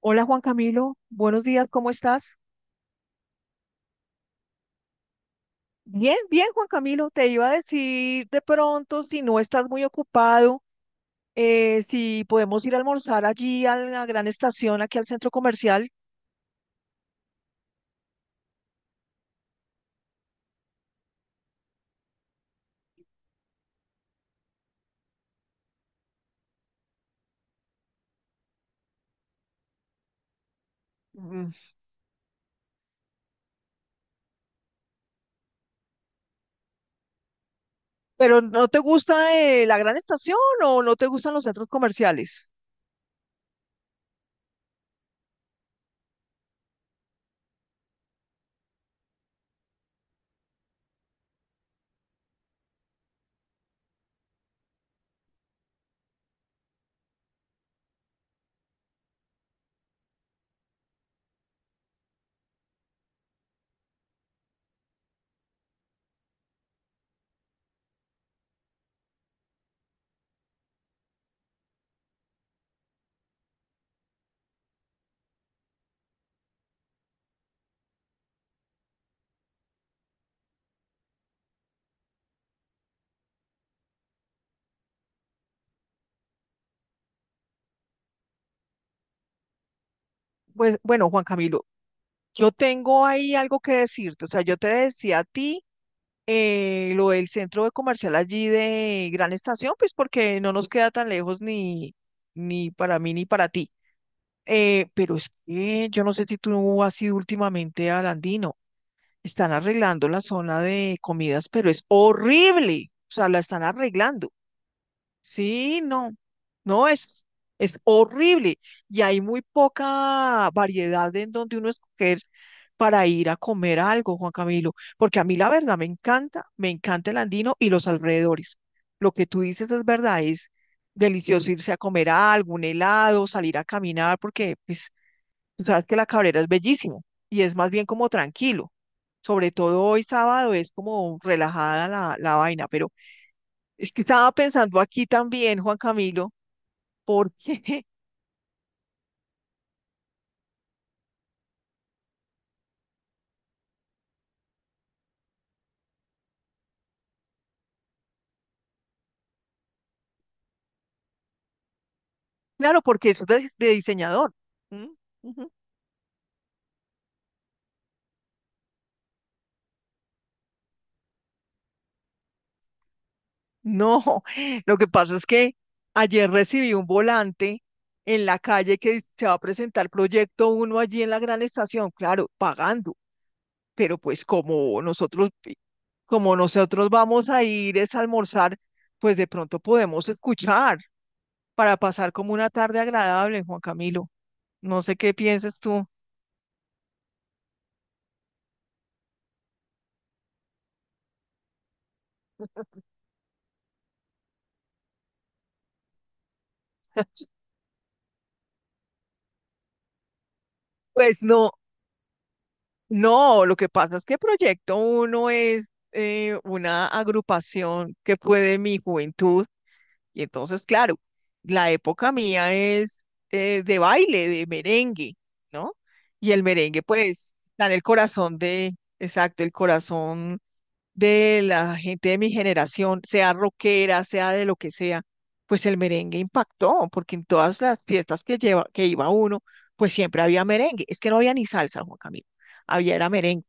Hola Juan Camilo, buenos días, ¿cómo estás? Bien, bien Juan Camilo, te iba a decir de pronto si no estás muy ocupado, si podemos ir a almorzar allí a la Gran Estación, aquí al centro comercial. Mm, pero ¿no te gusta la Gran Estación o no te gustan los centros comerciales? Pues bueno, Juan Camilo, yo tengo ahí algo que decirte. O sea, yo te decía a ti lo del centro de comercial allí de Gran Estación, pues porque no nos queda tan lejos, ni para mí ni para ti. Pero es que yo no sé si tú has ido últimamente al Andino. Están arreglando la zona de comidas, pero es horrible. O sea, la están arreglando. Sí, no. No, es horrible. Y hay muy poca variedad en donde uno escoger para ir a comer algo, Juan Camilo. Porque a mí la verdad me encanta el Andino y los alrededores. Lo que tú dices es verdad, es delicioso irse a comer algo, un helado, salir a caminar, porque pues tú sabes que la Cabrera es bellísimo y es más bien como tranquilo. Sobre todo hoy sábado es como relajada la vaina, pero es que estaba pensando aquí también, Juan Camilo, porque... claro, porque eso es de diseñador. ¿M? Ujú. No, lo que pasa es que ayer recibí un volante en la calle que dice, se va a presentar Proyecto Uno allí en la Gran Estación, claro, pagando. Pero pues como nosotros vamos a ir es a almorzar, pues de pronto podemos escuchar para pasar como una tarde agradable, Juan Camilo. No sé qué piensas tú. Pues no, no, lo que pasa es que Proyecto Uno es una agrupación que fue de mi juventud, y entonces, claro, la época mía es de baile, de merengue, ¿no? Y el merengue, pues, está en el corazón de, exacto, el corazón de la gente de mi generación, sea rockera, sea de lo que sea, pues el merengue impactó, porque en todas las fiestas que iba uno, pues siempre había merengue. Es que no había ni salsa, Juan Camilo, había era merengue,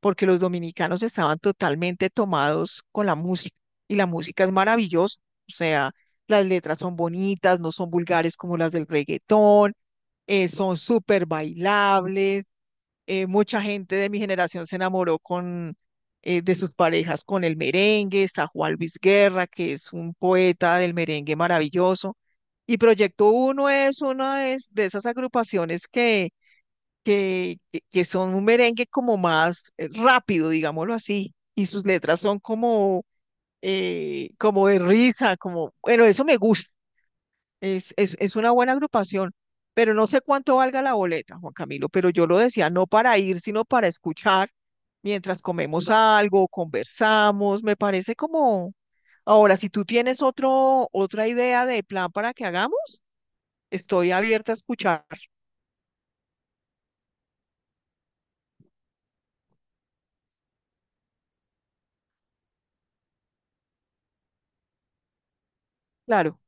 porque los dominicanos estaban totalmente tomados con la música y la música es maravillosa. O sea, las letras son bonitas, no son vulgares como las del reggaetón, son súper bailables, mucha gente de mi generación se enamoró de sus parejas con el merengue. Está Juan Luis Guerra, que es un poeta del merengue maravilloso. Y Proyecto Uno es una de esas agrupaciones que son un merengue como más rápido, digámoslo así, y sus letras son como de risa, como, bueno, eso me gusta. Es una buena agrupación, pero no sé cuánto valga la boleta, Juan Camilo, pero yo lo decía, no para ir, sino para escuchar mientras comemos algo, conversamos. Me parece como... Ahora, si tú tienes otra idea de plan para que hagamos, estoy abierta a escuchar, claro.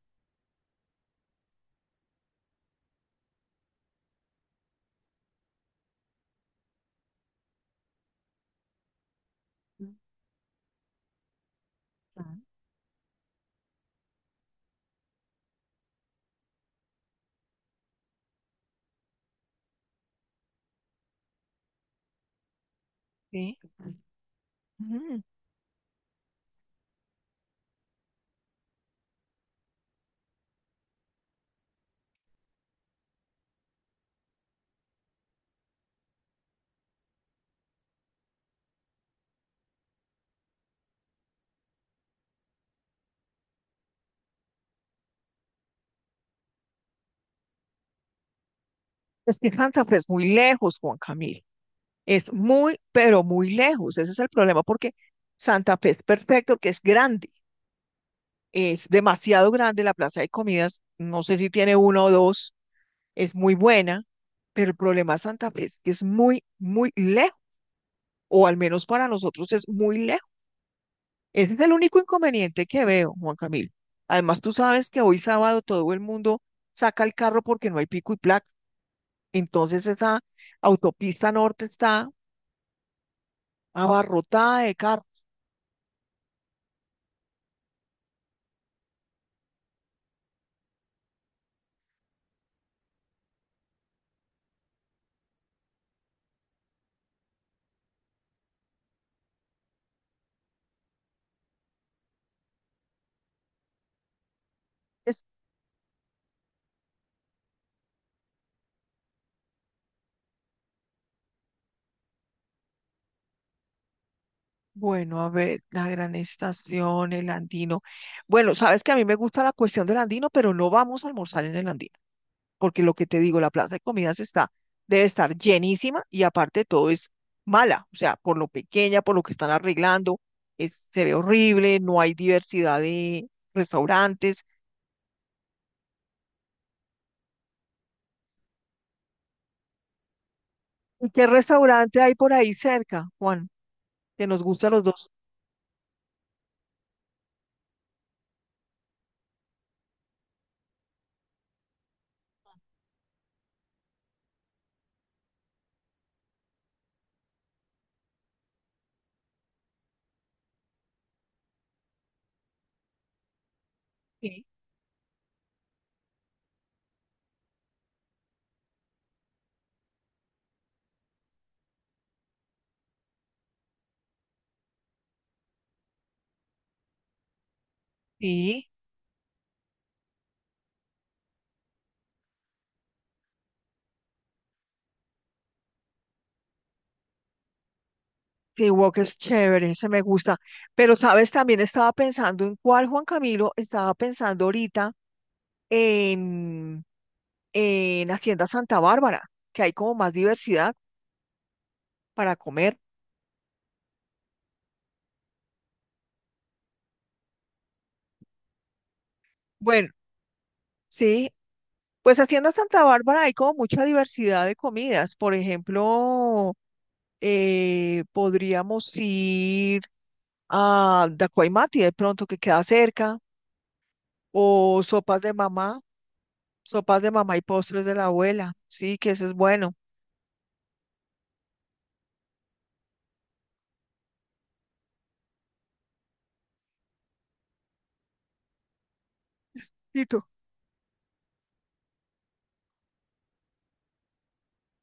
Claro. Sí. Ujú. Es que Santa Fe es muy lejos, Juan Camilo. Es muy, pero muy lejos. Ese es el problema, porque Santa Fe es perfecto, que es grande. Es demasiado grande la plaza de comidas, no sé si tiene uno o dos, es muy buena, pero el problema de Santa Fe es que es muy, muy lejos, o al menos para nosotros es muy lejos. Ese es el único inconveniente que veo, Juan Camilo. Además, tú sabes que hoy sábado todo el mundo saca el carro porque no hay pico y placa. Entonces esa autopista norte está abarrotada de carros. Bueno, a ver, la Gran Estación, el Andino. Bueno, sabes que a mí me gusta la cuestión del Andino, pero no vamos a almorzar en el Andino, porque lo que te digo, la plaza de comidas está, debe estar llenísima y aparte de todo es mala. O sea, por lo pequeña, por lo que están arreglando, es, se ve horrible, no hay diversidad de restaurantes. ¿Y qué restaurante hay por ahí cerca, Juan, que nos gusta a los dos? Sí. Sí. Que Walk es chévere, ese me gusta. Pero ¿sabes? También estaba pensando en cuál Juan Camilo estaba pensando ahorita en, Hacienda Santa Bárbara, que hay como más diversidad para comer. Bueno, sí, pues Hacienda Santa Bárbara hay como mucha diversidad de comidas. Por ejemplo, podríamos ir a Dacuaymati de pronto, que queda cerca, o sopas de mamá y postres de la abuela. Sí, que ese es bueno. Listo.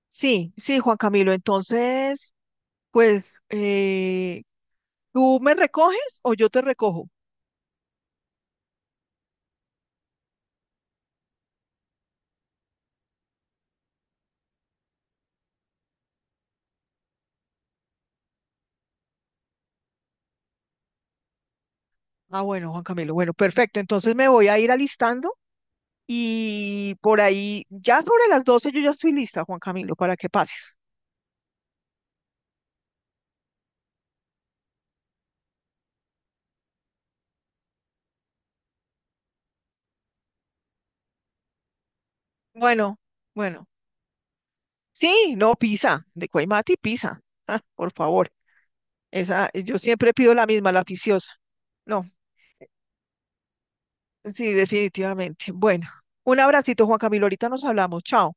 Sí, sí, Juan Camilo. Entonces, pues, ¿tú me recoges o yo te recojo? Ah, bueno, Juan Camilo. Bueno, perfecto. Entonces me voy a ir alistando y por ahí, ya sobre las 12:00 yo ya estoy lista, Juan Camilo, para que pases. Bueno, bueno. Sí, no, pizza. De Cuaymati, pizza. Ah, por favor. Esa, yo siempre pido la misma, la oficiosa. No, sí, definitivamente. Bueno, un abracito, Juan Camilo. Ahorita nos hablamos. Chao.